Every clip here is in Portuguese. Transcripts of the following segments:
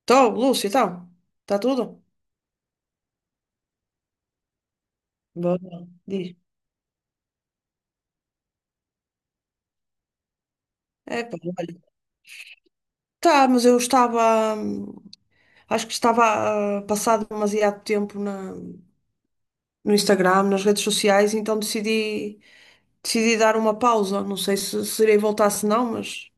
Estou, Lúcio, então. Está tudo? Boa. Diz. É, pá, olha. Tá, mas eu estava. Acho que estava passado demasiado tempo no Instagram, nas redes sociais, então decidi dar uma pausa. Não sei se irei voltar, se não, mas.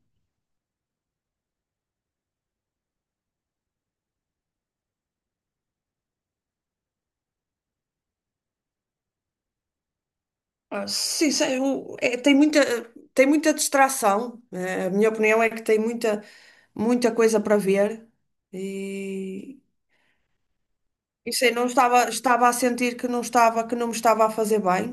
Sim, sei, é, tem muita distração, né? A minha opinião é que muita coisa para ver. E. E sei, não estava, estava a sentir que não estava, que não me estava a fazer bem.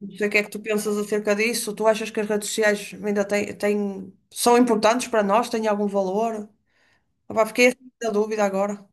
Não sei o que é que tu pensas acerca disso. Tu achas que as redes sociais ainda são importantes para nós? Têm algum valor? Opá, fiquei assim na dúvida agora.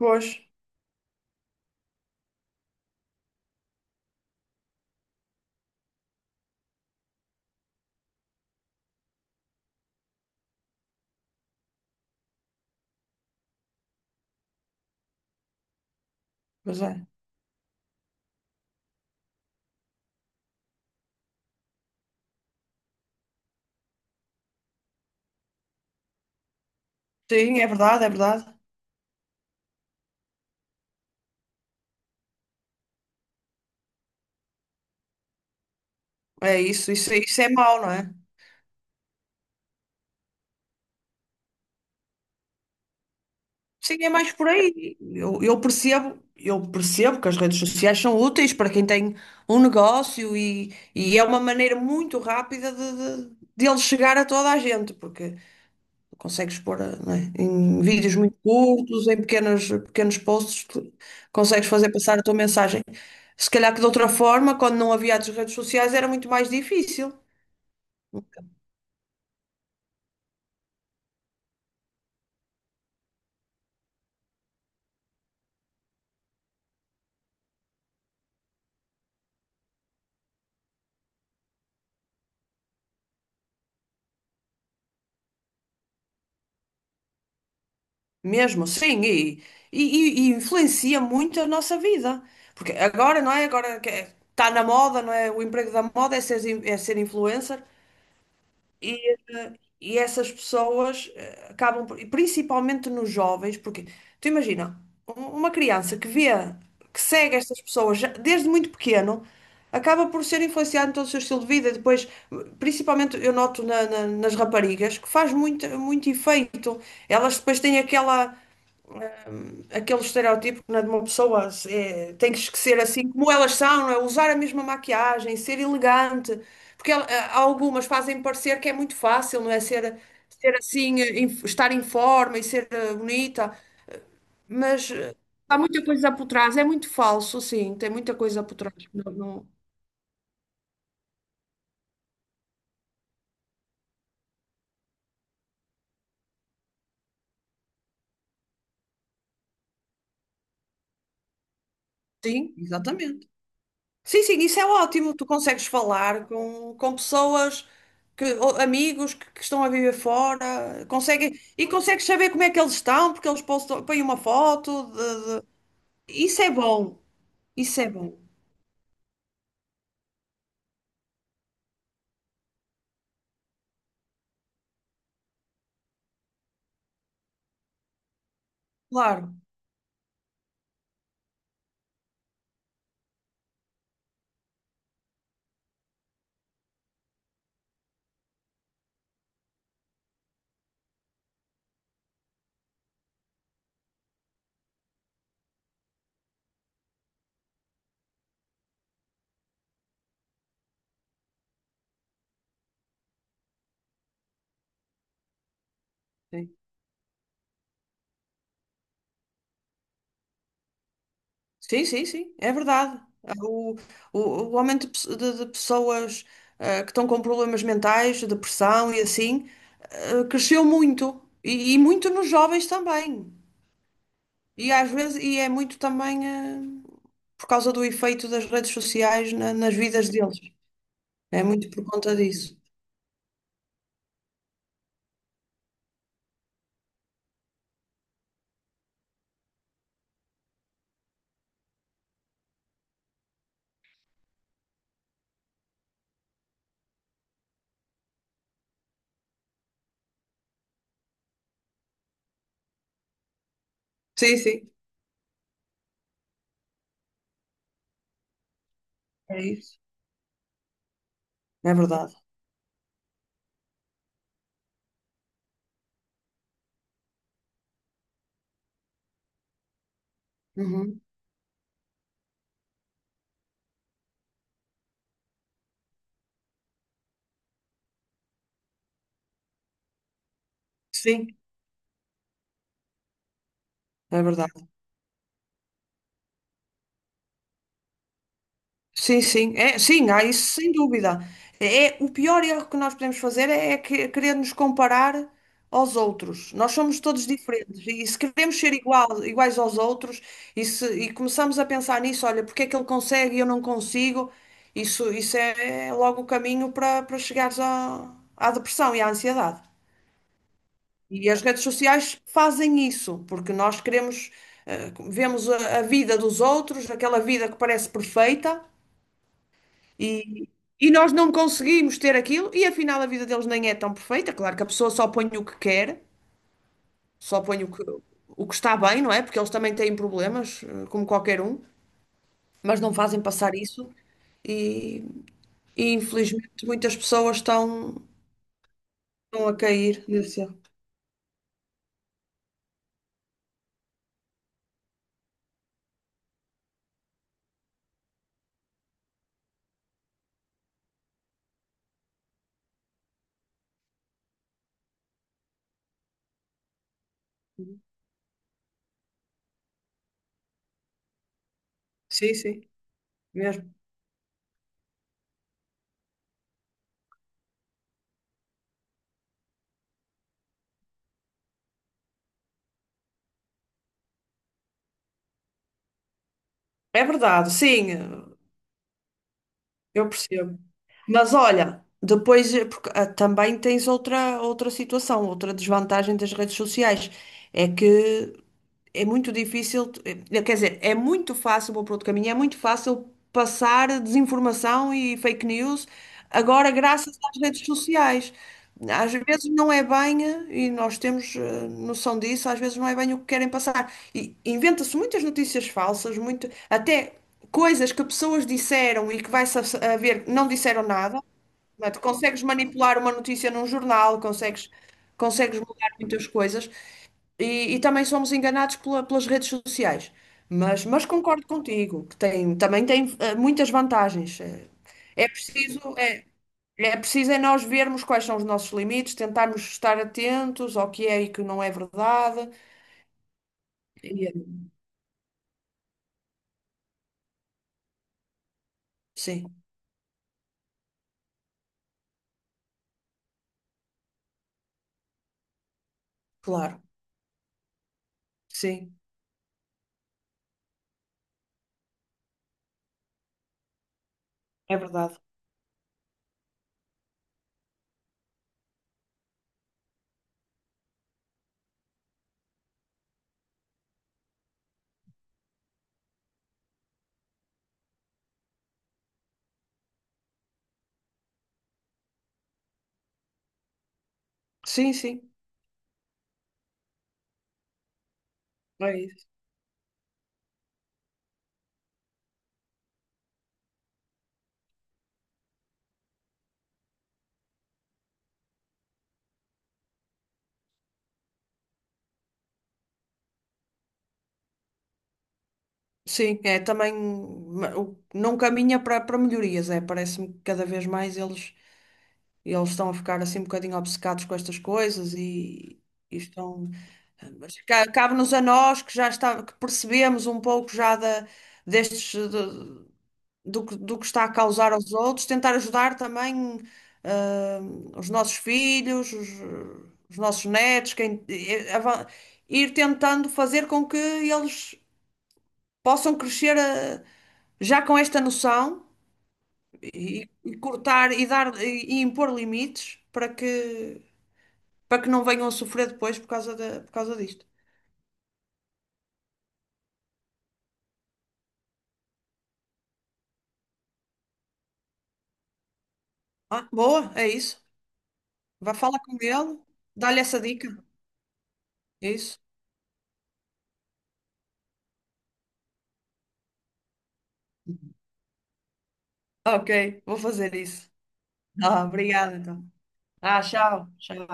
Pois, pois é. Sim, é verdade, é verdade. É isso, isso, isso é mau, não é? Sim, é mais por aí. Eu percebo que as redes sociais são úteis para quem tem um e é uma maneira muito rápida de ele chegar a toda a gente, porque consegues pôr, não é? Em vídeos muito curtos, em pequenos posts, tu consegues fazer passar a tua mensagem. Se calhar que de outra forma, quando não havia as redes sociais, era muito mais difícil, mesmo sim e influencia muito a nossa vida. Porque agora, não é? Agora que está na moda, não é? O emprego da moda é é ser influencer. E, eh, e essas pessoas acabam, e principalmente nos jovens, porque tu imagina, uma criança que vê, que segue estas pessoas desde muito pequeno, acaba por ser influenciada em todo o seu estilo de vida. E depois, principalmente eu noto nas raparigas, que faz muito, muito efeito. Elas depois têm aquela aquele estereótipo, né, de uma pessoa é, tem que ser assim como elas são, não é? Usar a mesma maquiagem, ser elegante, porque há algumas fazem parecer que é muito fácil, não é? Ser, ser assim, estar em forma e ser bonita, mas há muita coisa por trás, é muito falso, sim, tem muita coisa por trás. Não, sim, exatamente. Sim, sim, isso é ótimo. Tu consegues falar com pessoas, ou amigos que estão a viver fora, conseguem, e consegues saber como é que eles estão, porque eles postam, põem uma foto. Isso é bom, isso é bom, claro. Sim, sim, sim, sim, é verdade. É o, o, o aumento de, de pessoas, que estão com problemas mentais, depressão e assim, cresceu muito. E muito nos jovens também. E às vezes, e é muito também, por causa do efeito das redes sociais nas vidas deles. É muito por conta disso. Sim, sim, é isso. É verdade. Uhum. Sim, é verdade. Sim, sim, é, sim, há isso sem dúvida. É, o pior erro que nós podemos fazer querer nos comparar aos outros. Nós somos todos diferentes e se queremos ser igual, iguais aos outros se, e começamos a pensar nisso, olha, porque é que ele consegue e eu não consigo, isso é, logo o caminho para chegares à depressão e à ansiedade. E as redes sociais fazem isso, porque nós queremos, vemos a vida dos outros, aquela vida que parece perfeita, e, e nós não conseguimos ter aquilo, e afinal a vida deles nem é tão perfeita. Claro que a pessoa só põe o que quer, só põe o o que está bem, não é? Porque eles também têm problemas, como qualquer um, mas não fazem passar isso, e, e infelizmente muitas pessoas estão, estão a cair nesse erro. Sim, sim, mesmo. É verdade, sim, eu percebo. Mas olha, depois porque, também tens outra, outra situação, outra desvantagem das redes sociais. É que é muito difícil, quer dizer, é muito fácil, vou para outro caminho, é muito fácil passar desinformação e fake news agora graças às redes sociais. Às vezes não é bem, e nós temos noção disso, às vezes não é bem o que querem passar. E inventa-se muitas notícias falsas, muito, até coisas que pessoas disseram e que vai-se a ver, não disseram nada. Não é? Tu consegues manipular uma notícia num jornal, consegues, consegues mudar muitas coisas e também somos enganados pelas redes sociais. Mas concordo contigo, que tem, também tem muitas vantagens. É preciso, é, é preciso é nós vermos quais são os nossos limites, tentarmos estar atentos ao que é e que não é verdade. E, sim, claro, sim, é verdade. Sim, sim, é isso. Sim, é também não caminha para para melhorias, é. Parece-me que cada vez mais eles, eles estão a ficar assim um bocadinho obcecados com estas coisas e estão. Mas cabe-nos a nós que já está, que percebemos um pouco já destes do, que do que está a causar aos outros, tentar ajudar também ah, os nossos filhos, os nossos netos, quem, ir tentando fazer com que eles possam crescer, já com esta noção e cortar e dar e impor limites para que não venham a sofrer depois por causa por causa disto. Ah, boa, é isso. Vá falar com ele, dá-lhe essa dica. É isso. Ok, vou fazer isso. Ah, obrigada então. Ah, tchau, tchau.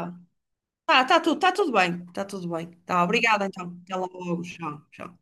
Tá, tá tudo bem, tá tudo bem. Tá, obrigada então. Até logo, tchau, tchau.